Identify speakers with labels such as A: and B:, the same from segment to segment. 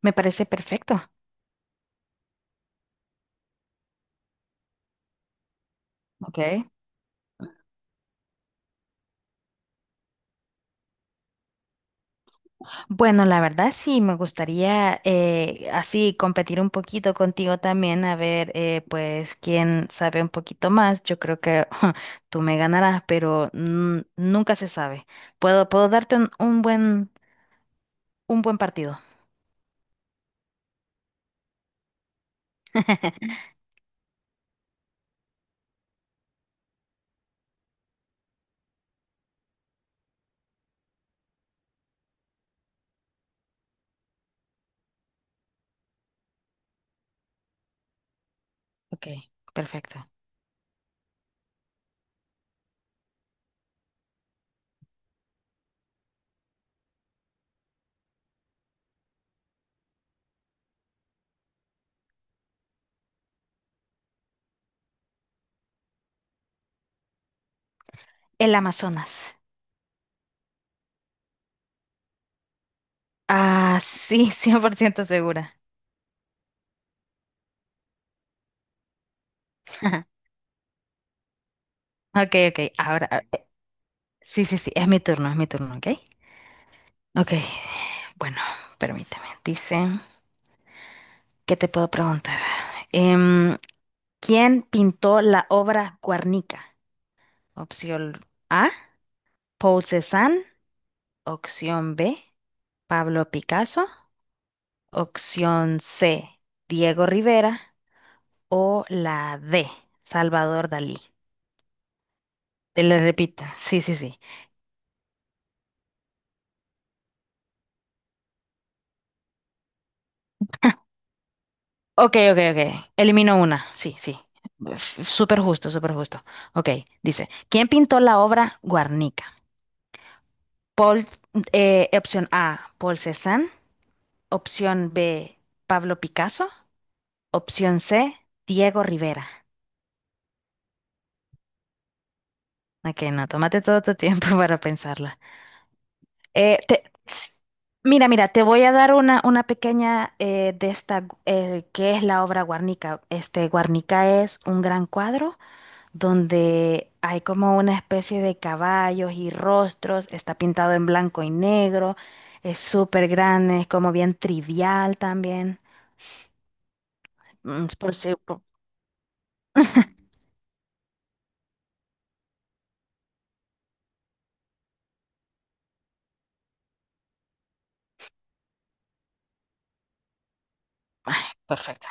A: Me parece perfecto. Ok. Bueno, la verdad sí, me gustaría así competir un poquito contigo también, a ver, pues, quién sabe un poquito más. Yo creo que tú me ganarás, pero nunca se sabe. Puedo darte un buen, un buen partido. Ok, perfecto. El Amazonas. Ah, sí, 100% segura. Ok, ok, ahora, ah, sí, sí, sí, es mi turno, ¿ok? Ok, bueno, permíteme, dice... ¿Qué te puedo preguntar? Em, ¿Quién pintó la obra Guernica? Opción A, Paul Cézanne. Opción B, Pablo Picasso. Opción C, Diego Rivera. O la D, Salvador Dalí. Te la repito. Sí, sí, sí. Ok, ok, ok. Elimino una. Sí, sí. Súper justo, súper justo. Ok, dice, ¿quién pintó la obra Guernica? Paul, opción A, Paul Cézanne. Opción B, Pablo Picasso. Opción C, Diego Rivera. Ok, no, tómate todo tu tiempo para pensarla. Eh, te- s- mira, mira, te voy a dar una pequeña de esta, que es la obra Guarnica. Este, Guarnica es un gran cuadro donde hay como una especie de caballos y rostros, está pintado en blanco y negro, es súper grande, es como bien trivial también. Mm, por si- por- Ay, perfecto.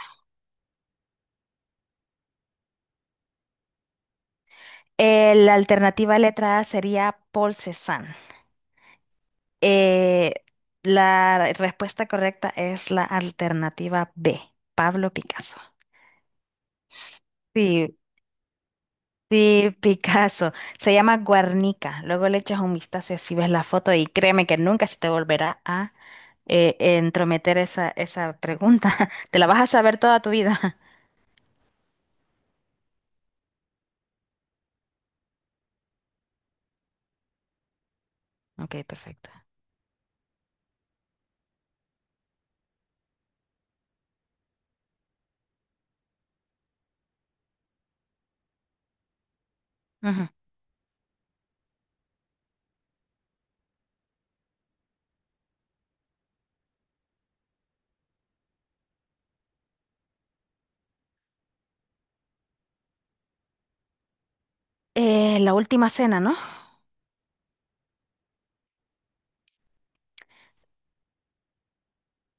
A: La alternativa letra A sería Paul Cézanne. Eh, la respuesta correcta es la alternativa B, Pablo Picasso. Sí, sí, Picasso. Se llama Guernica. Luego le echas un vistazo y así ves la foto y créeme que nunca se te volverá a entrometer esa, esa pregunta. Te la vas a saber toda tu vida. Ok, perfecto. Ujú. La última cena, ¿no?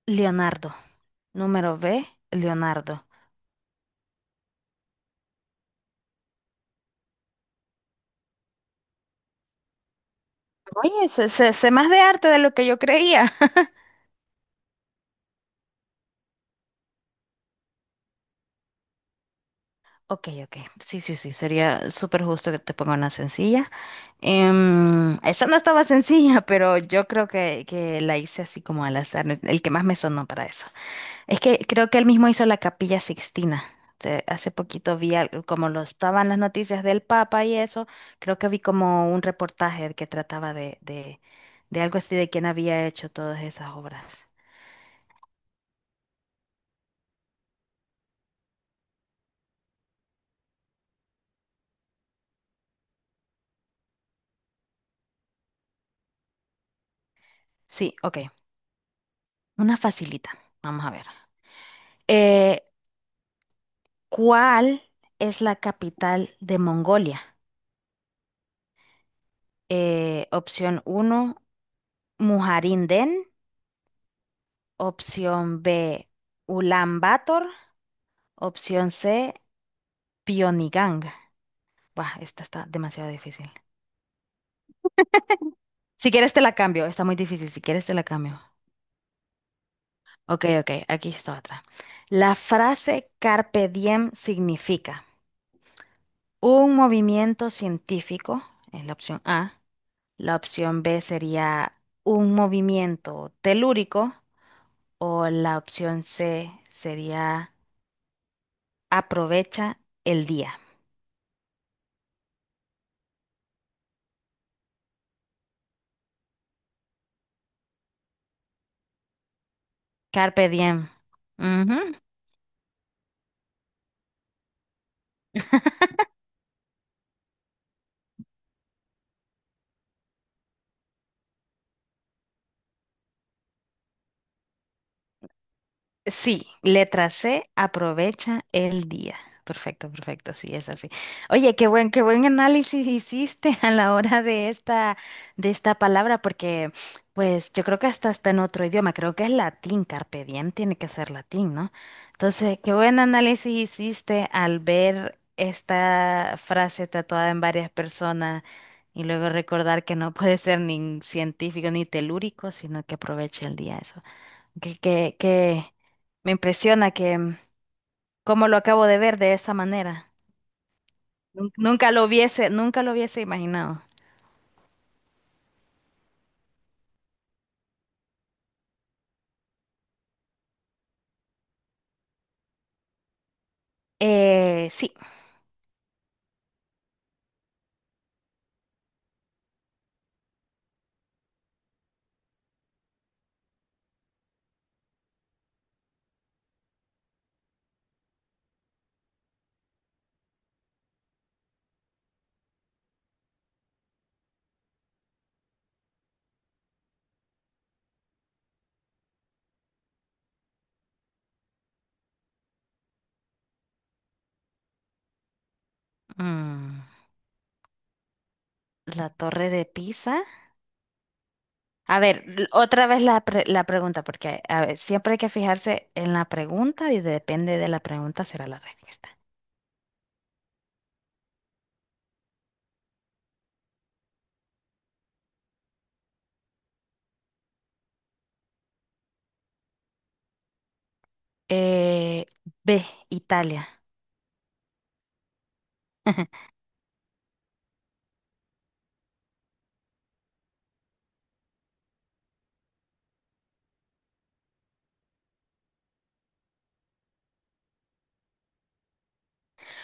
A: Leonardo. Número B, Leonardo. Oye, sé más de arte de lo que yo creía. Ok, ok. Sí, sí, sí. Sería súper justo que te ponga una sencilla. Esa no estaba sencilla, pero yo creo que la hice así como al azar. El que más me sonó para eso. Es que creo que él mismo hizo la Capilla Sixtina. Hace poquito vi, como lo estaban las noticias del Papa y eso, creo que vi como un reportaje que trataba de algo así de quién había hecho todas esas obras. Sí, ok. Una facilita. Vamos a ver. Eh, ¿Cuál es la capital de Mongolia? Opción 1, Mujarinden. Opción B, Ulan Bator. Opción C, Pionigang. Buah, esta está demasiado difícil. Si quieres te la cambio, está muy difícil. Si quieres te la cambio. Ok, ok, aquí está otra. La frase carpe diem significa un movimiento científico, en la opción A. La opción B sería un movimiento telúrico o la opción C sería aprovecha el día. Carpe diem. Ujú. Sí, letra C, aprovecha el día. Perfecto, perfecto, sí, es así. Oye, qué buen análisis hiciste a la hora de esta palabra, porque pues yo creo que hasta está en otro idioma, creo que es latín, carpe diem tiene que ser latín, ¿no? Entonces, qué buen análisis hiciste al ver esta frase tatuada en varias personas y luego recordar que no puede ser ni científico ni telúrico, sino que aprovecha el día, eso que me impresiona que cómo lo acabo de ver de esa manera. Nunca lo hubiese, nunca lo hubiese imaginado. Sí. Mm, la Torre de Pisa. A ver, otra vez la, la pregunta, porque a ver, siempre hay que fijarse en la pregunta y depende de la pregunta será la respuesta. Eh, B, Italia.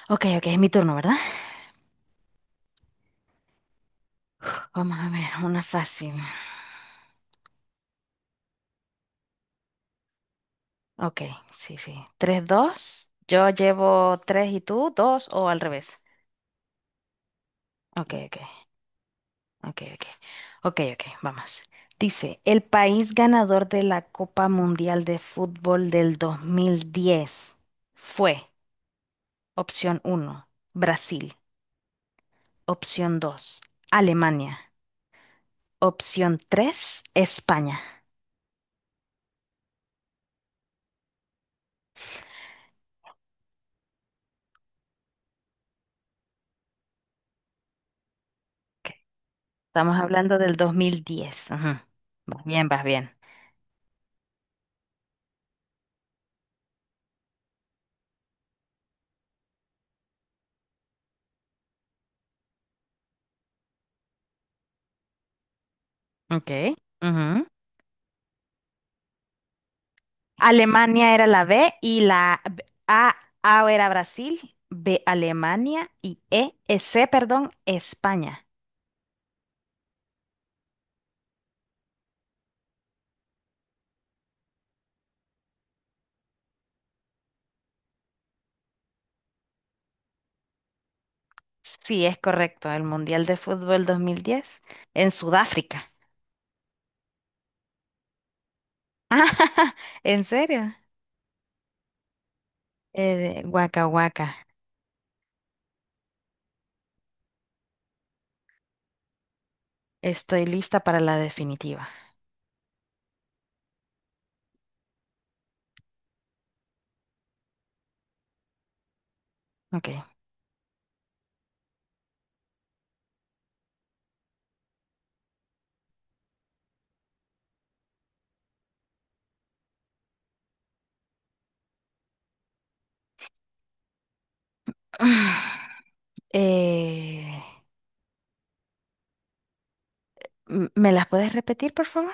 A: Ok, ok, es mi turno, ¿verdad? Vamos a ver, una fácil. Ok, sí, sí. Tres, dos. Yo llevo 3 y tú 2 o al revés. Ok, ok, ok, ok. Ok, ok, vamos. Dice, el país ganador de la Copa Mundial de Fútbol del 2010 fue opción uno: Brasil, opción 2: Alemania, opción 3: España. Ok, estamos hablando del 2010. Ujú. Vas bien, vas bien. Ok. Alemania era la B y A era Brasil, B Alemania y C, perdón, España. Sí, es correcto, el Mundial de Fútbol 2010 en Sudáfrica. Ah, ¿en serio? Guaca, guaca. Estoy lista para la definitiva. Ok. Eh, ¿me las puedes repetir, por favor?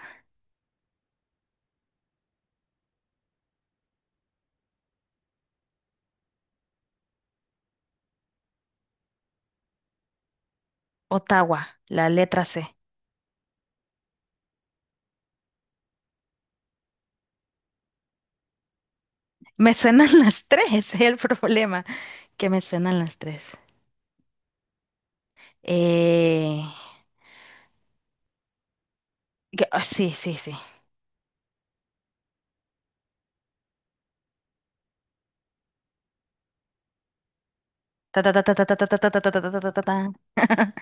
A: Ottawa, la letra C. Me suenan las tres, ese es el problema, que me suenan las tres. Eh, ah, sí, sí, sí. Ta, ta, ta, ta, ta, ta, ta, ta, ta, ta, ta, ta, ta, ta, ta, ta.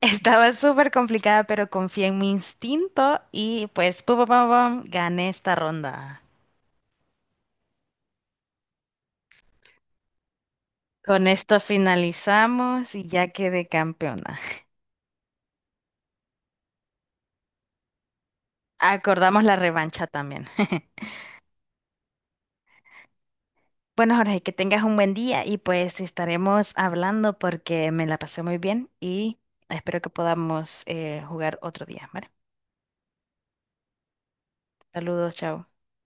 A: Estaba súper complicada, pero confié en mi instinto y pues pum, pum, pum, pum, gané esta ronda. Con esto finalizamos y ya quedé campeona. Acordamos la revancha también. Bueno, Jorge, que tengas un buen día y pues estaremos hablando porque me la pasé muy bien y espero que podamos jugar otro día, ¿vale? Saludos, chao.